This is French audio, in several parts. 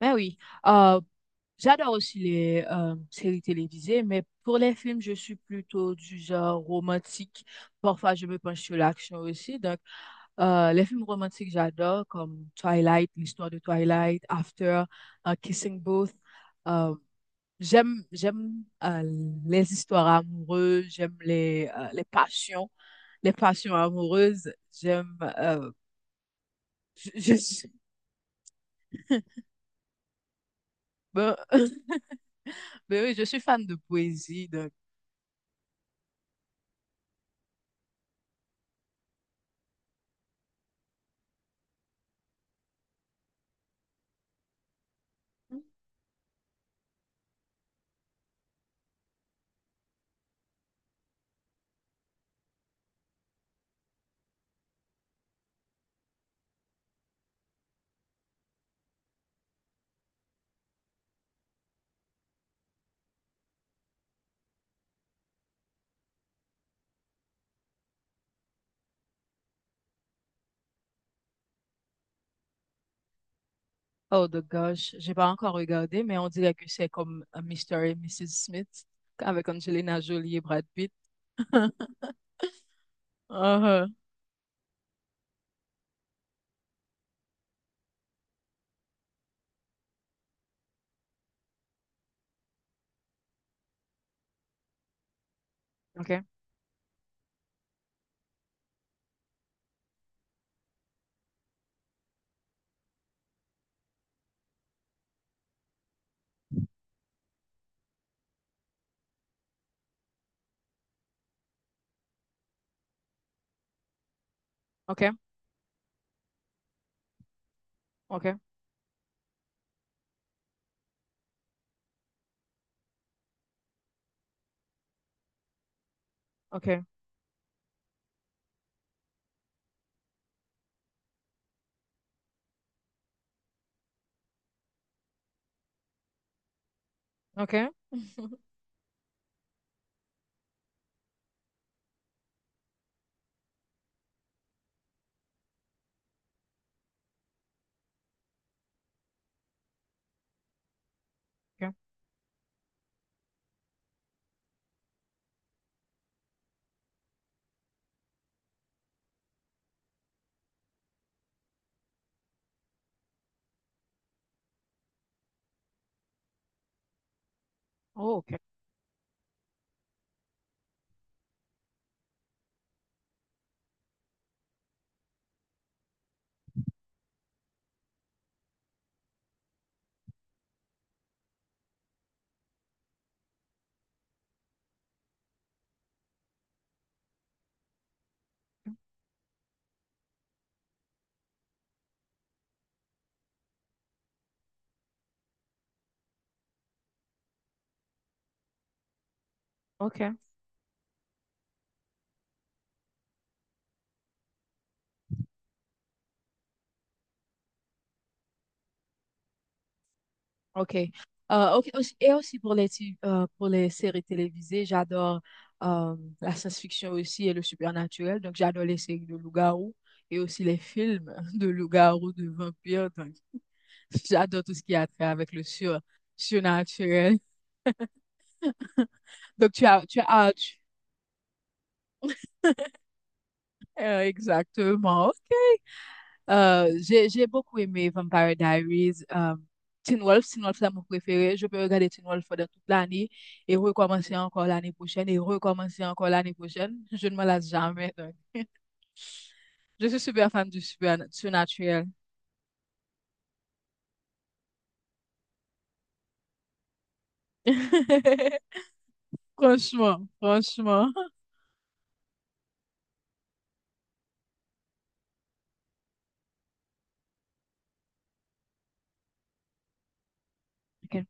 Ben oui, euh, j'adore aussi les séries télévisées, mais pour les films, je suis plutôt du genre romantique. Parfois, je me penche sur l'action aussi. Donc, les films romantiques, j'adore, comme Twilight, l'histoire de Twilight, After, Kissing Booth. Euh, j'aime les histoires amoureuses, j'aime les passions amoureuses. J'aime, je suis, ben- ben oui, je suis fan de poésie, donc. Oh the gosh, j'ai pas encore regardé, mais on dirait que c'est comme Mr. et Mrs. Smith avec Angelina Jolie et Brad Pitt. Uh-huh. Ok, ok, ok, ok, ok, ok. Oh, ok, ok, ok. Ok, aussi- et aussi pour les, pour les séries télévisées, j'adore la science-fiction aussi et le surnaturel. Donc, j'adore les séries de loup-garou et aussi les films de loup-garou, de vampires. Donc, j'adore tout ce qui a trait avec le surnaturel. Donc, exactement, ok. J'ai beaucoup aimé Vampire Diaries. Teen Wolf, Teen Wolf, c'est mon préféré. Je peux regarder Teen Wolf pendant toute l'année et recommencer encore l'année prochaine et recommencer encore l'année prochaine. Je ne me lasse jamais, donc. Je suis super fan du super, surnaturel. Franchement, franchement. Ok.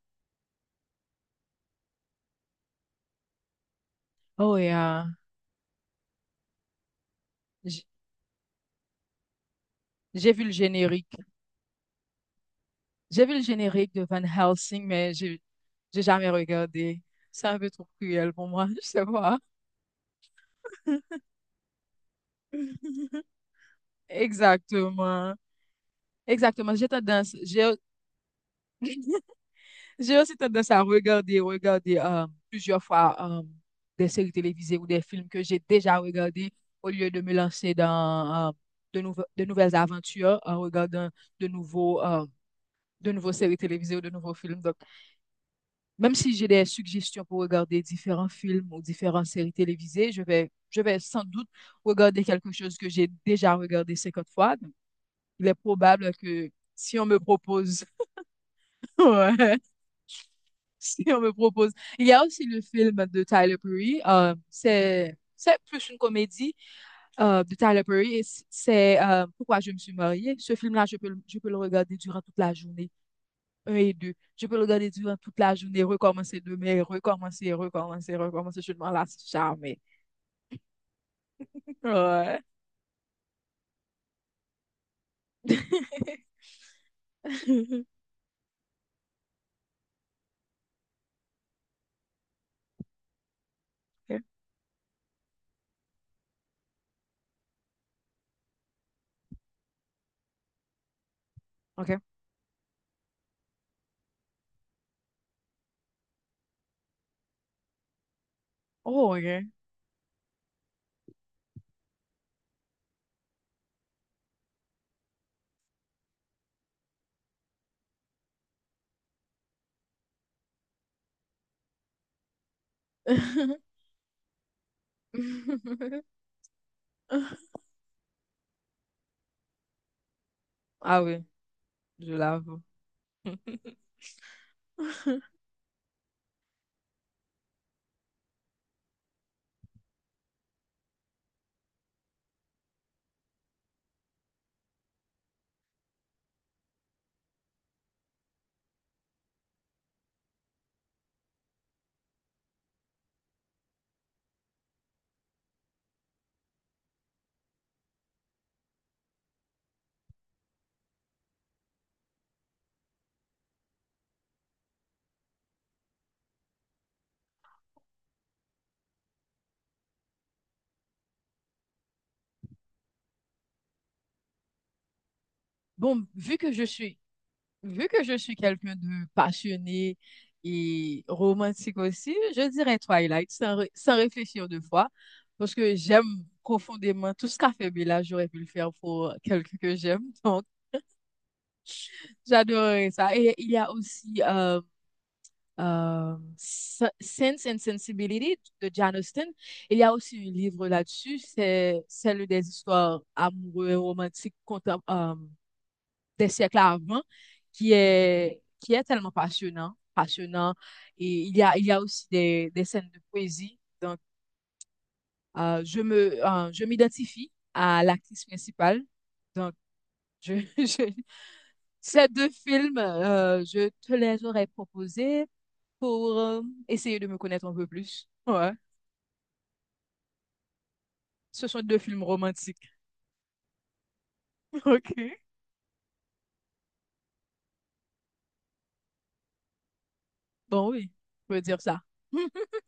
Oh, et j- j'ai vu le générique. J'ai vu le générique de Van Helsing, mais j'ai jamais regardé. C'est un peu trop cruel pour moi, je sais pas. Exactement. Exactement. J'ai aussi tendance à regarder plusieurs fois des séries télévisées ou des films que j'ai déjà regardés au lieu de me lancer dans de de nouvelles aventures en regardant de nouveaux, euh, de nouveaux séries télévisées ou de nouveaux films. Donc, même si j'ai des suggestions pour regarder différents films ou différentes séries télévisées, je vais sans doute regarder quelque chose que j'ai déjà regardé 50 fois. Donc, il est probable que si on me propose, ouais, si on me propose. Il y a aussi le film de Tyler Perry. C'est plus une comédie de Tyler Perry et c'est Pourquoi je me suis mariée. Ce film-là, je peux le regarder durant toute la journée, un et deux. Je peux le regarder durant toute la journée, recommencer demain, recommencer, recommencer, recommencer. Je ne m'en lasse jamais. Ouais. OK. Oh, OK. Ah oui, je l'avoue. Bon, vu que je suis quelqu'un de passionné et romantique aussi, je dirais Twilight sans, sans réfléchir deux fois parce que j'aime profondément tout ce qu'a fait Bella, j'aurais pu le faire pour quelqu'un que j'aime. Donc, j'adorerais ça. Et il y a aussi euh, Sense and Sensibility de Jane Austen. Il y a aussi un livre là-dessus, c'est celle des histoires amoureuses et romantiques euh, des siècles avant, qui est tellement passionnant, passionnant. Et il y a aussi des scènes de poésie. Donc, je m'identifie à l'actrice principale. Donc, je, je- ces deux films, je te les aurais proposés, pour essayer de me connaître un peu plus. Ouais. Ce sont deux films romantiques. Ok. Bon, oui, je veux dire ça.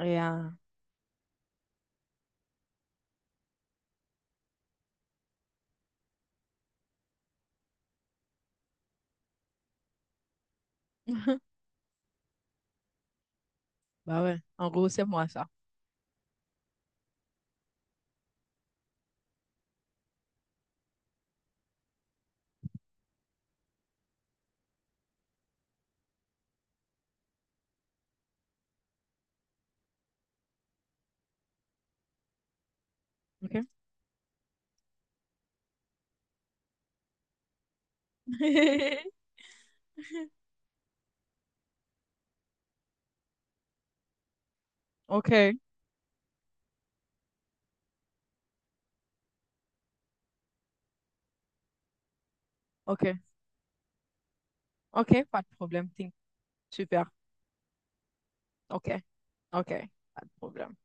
Et, bah ouais, en gros, c'est moi ça. OK? OK, OK, OK, pas de problème. Think. Super. OK, OK, pas de problème.